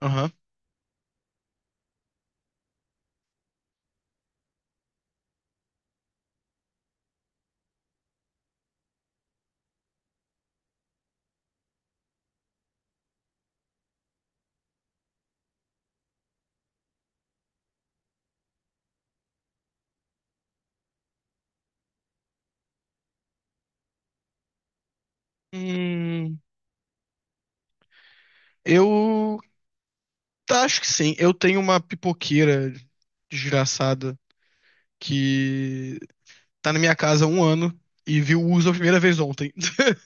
Aham. Hum, eu tá, acho que sim. Eu tenho uma pipoqueira desgraçada que tá na minha casa há um ano e viu o uso a primeira vez ontem.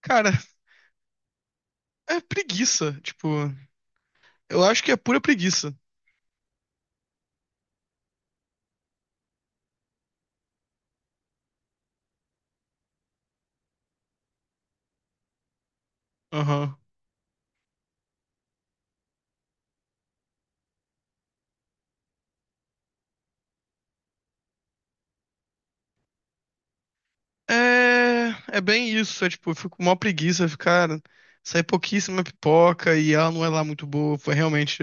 Cara, é preguiça. Tipo, eu acho que é pura preguiça. Aham. É, é bem isso. É tipo, eu fico com maior preguiça ficar. Sai pouquíssima pipoca e ela não é lá muito boa. Foi realmente.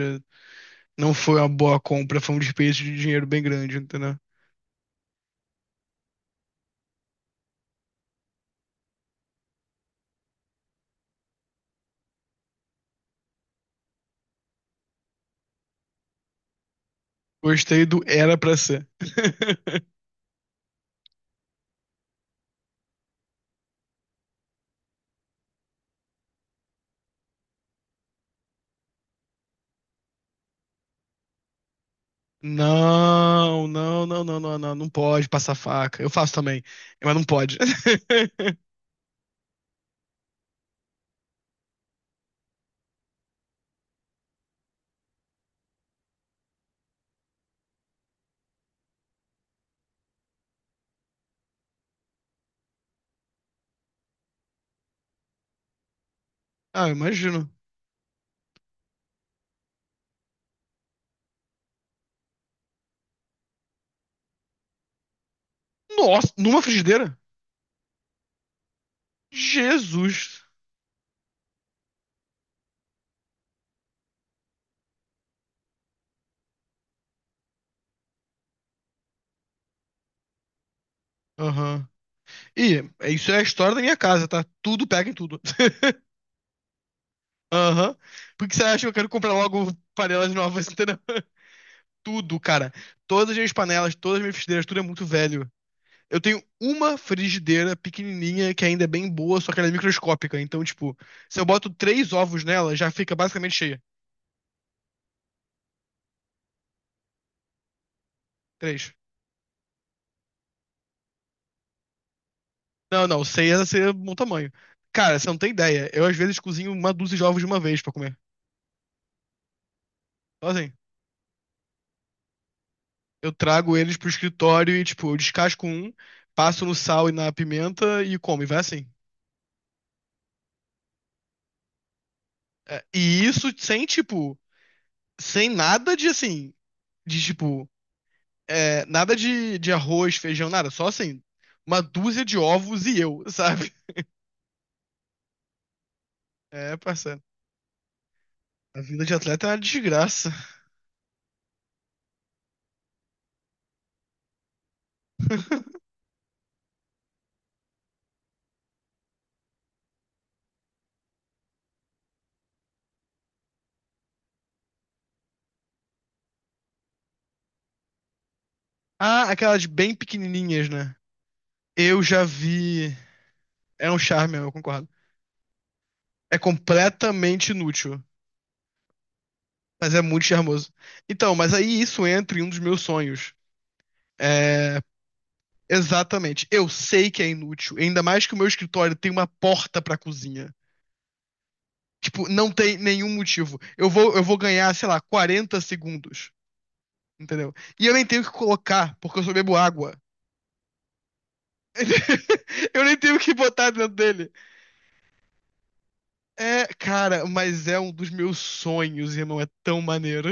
Não foi uma boa compra, foi um desperdício de dinheiro bem grande, entendeu? Gostei do era pra ser. Não, não, não, não, não, não, não pode passar faca. Eu faço também, mas não pode. Ah, eu imagino. Nossa, numa frigideira? Jesus. Aham. E isso é a história da minha casa, tá? Tudo pega em tudo. Aham. Por que você acha que eu quero comprar logo panelas novas, entendeu? Tudo, cara. Todas as minhas panelas, todas as minhas frigideiras, tudo é muito velho. Eu tenho uma frigideira pequenininha que ainda é bem boa, só que ela é microscópica. Então, tipo, se eu boto três ovos nela, já fica basicamente cheia. Três. Não, não, seis ia ser um bom tamanho. Cara, você não tem ideia. Eu às vezes cozinho uma dúzia de ovos de uma vez pra comer. Então, assim, eu trago eles pro escritório e, tipo, eu descasco um, passo no sal e na pimenta e como, e vai assim. É, e isso sem, tipo, sem nada de, assim, de, tipo, nada de, de arroz, feijão, nada. Só, assim, uma dúzia de ovos e eu, sabe? É, parceiro. A vida de atleta é uma desgraça. Ah, aquelas bem pequenininhas, né? Eu já vi. É um charme, eu concordo. É completamente inútil, mas é muito charmoso. Então, mas aí isso entra em um dos meus sonhos. É, exatamente. Eu sei que é inútil, ainda mais que o meu escritório tem uma porta pra cozinha. Tipo, não tem nenhum motivo. Eu vou ganhar, sei lá, 40 segundos, entendeu? E eu nem tenho que colocar, porque eu só bebo água. Eu nem tenho que botar dentro dele. É, cara, mas é um dos meus sonhos, irmão. É tão maneiro.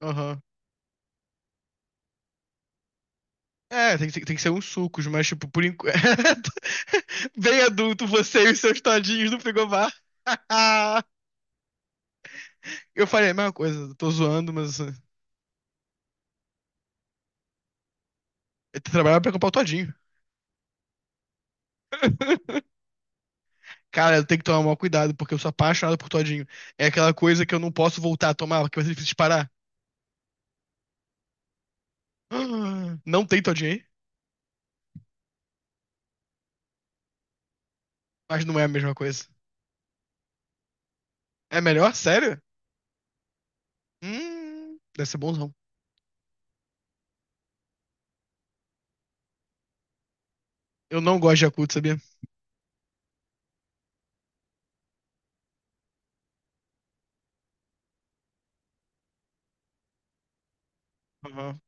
Aham. É, tem que ser uns sucos, mas, tipo, por enquanto. Bem adulto, você e os seus todinhos no frigobar. Eu falei a mesma coisa, tô zoando, Eu trabalhava pra comprar o todinho. Cara, eu tenho que tomar maior cuidado, porque eu sou apaixonado por todinho. É aquela coisa que eu não posso voltar a tomar, porque vai ser difícil de parar. Não tem todinho aí, mas não é a mesma coisa. É melhor? Sério? Deve ser bonzão. Eu não gosto de Yakult, sabia? Aham.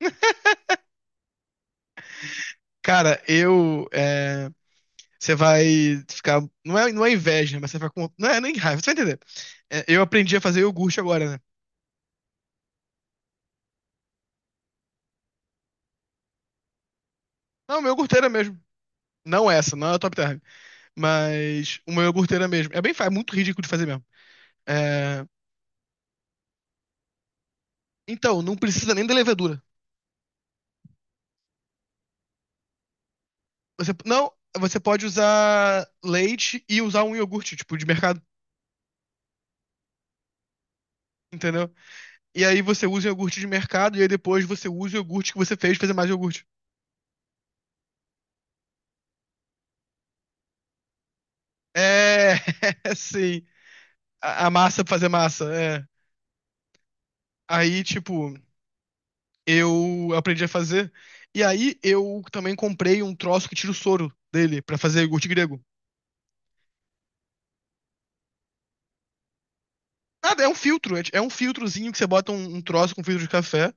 Cara, eu. é, Você vai ficar. Não é, não é inveja, né, mas você vai com. Não é nem raiva, você vai entender. É, eu aprendi a fazer iogurte agora, né? Não, meu iogurteira mesmo. Não essa, não é a Top Term. Mas uma iogurteira mesmo. É muito ridículo de fazer mesmo. É, Então, não precisa nem da levedura. Você, não, você pode usar leite e usar um iogurte, tipo, de mercado, entendeu? E aí você usa o iogurte de mercado e aí depois você usa o iogurte que você fez pra fazer mais iogurte. É, sim. A massa pra fazer massa, é. Aí, tipo. Eu aprendi a fazer. E aí eu também comprei um troço que tira o soro dele pra fazer iogurte grego. Nada, é um filtro, é, é um filtrozinho que você bota um, um troço com filtro de café.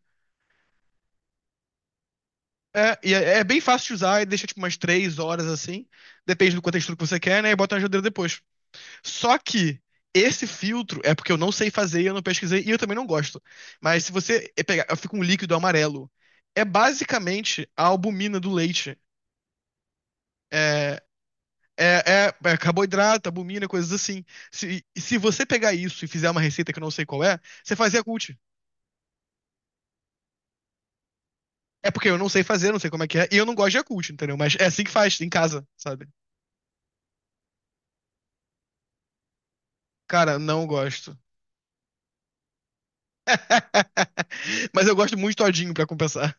É, e é, é bem fácil de usar, e deixa tipo umas três horas assim. Depende do quanto textura que você quer, né? E bota na geladeira depois. Só que esse filtro é porque eu não sei fazer, eu não pesquisei e eu também não gosto. Mas se você pegar, fica um líquido amarelo. É basicamente a albumina do leite. é É, é, é carboidrato, albumina, coisas assim. Se você pegar isso e fizer uma receita que eu não sei qual é, você faz Yakult. É porque eu não sei fazer, não sei como é que é, e eu não gosto de Yakult, entendeu? Mas é assim que faz, em casa, sabe? Cara, não gosto. Mas eu gosto muito de todinho pra compensar.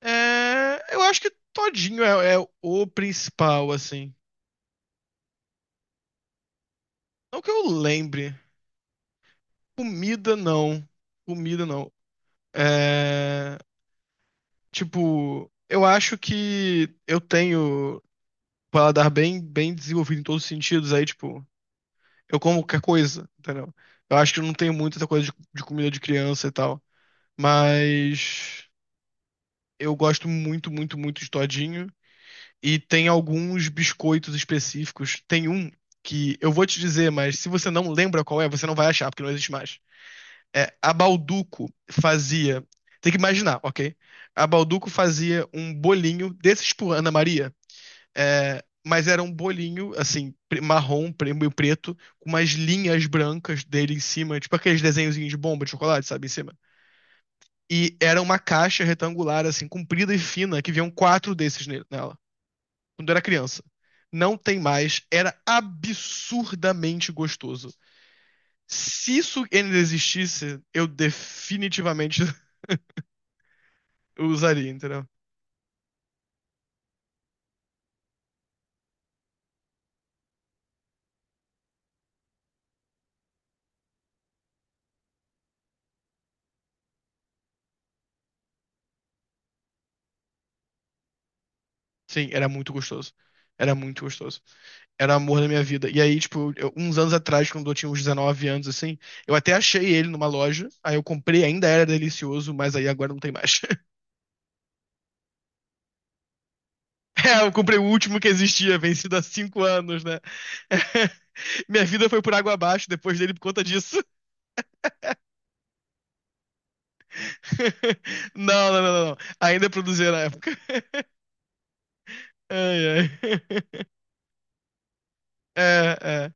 É, eu acho que todinho é o principal, assim. Não que eu lembre. Comida, não. Comida, não. É, tipo, eu acho que eu tenho um paladar bem, bem desenvolvido em todos os sentidos, aí, tipo, eu como qualquer coisa, entendeu? Eu acho que eu não tenho muita essa coisa de comida de criança e tal, mas eu gosto muito, muito, muito de todinho. E tem alguns biscoitos específicos. Tem um que eu vou te dizer, mas se você não lembra qual é, você não vai achar, porque não existe mais. É, a Balduco fazia. Tem que imaginar, ok? A Balduco fazia um bolinho desses por Ana Maria. É, mas era um bolinho, assim, marrom, meio preto, com umas linhas brancas dele em cima, tipo aqueles desenhozinhos de bomba de chocolate, sabe, em cima. E era uma caixa retangular, assim, comprida e fina, que vinham quatro desses nela, quando eu era criança. Não tem mais, era absurdamente gostoso. Se isso ainda existisse, eu definitivamente usaria, entendeu? Sim, era muito gostoso. Era muito gostoso. Era o amor da minha vida. E aí, tipo, uns anos atrás, quando eu tinha uns 19 anos, assim, eu até achei ele numa loja. Aí eu comprei, ainda era delicioso, mas aí agora não tem mais. É, eu comprei o último que existia, vencido há 5 anos, né? Minha vida foi por água abaixo depois dele por conta disso. Não, não, não, não. Ainda produzia na época. Ai, ai. É, é.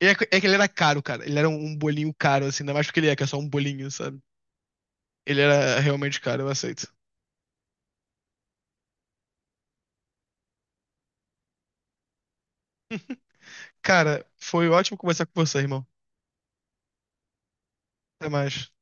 É que ele era caro, cara. Ele era um bolinho caro, assim, ainda mais porque ele é, que é só um bolinho, sabe? Ele era realmente caro, eu aceito. Cara, foi ótimo conversar com você, irmão. Até mais.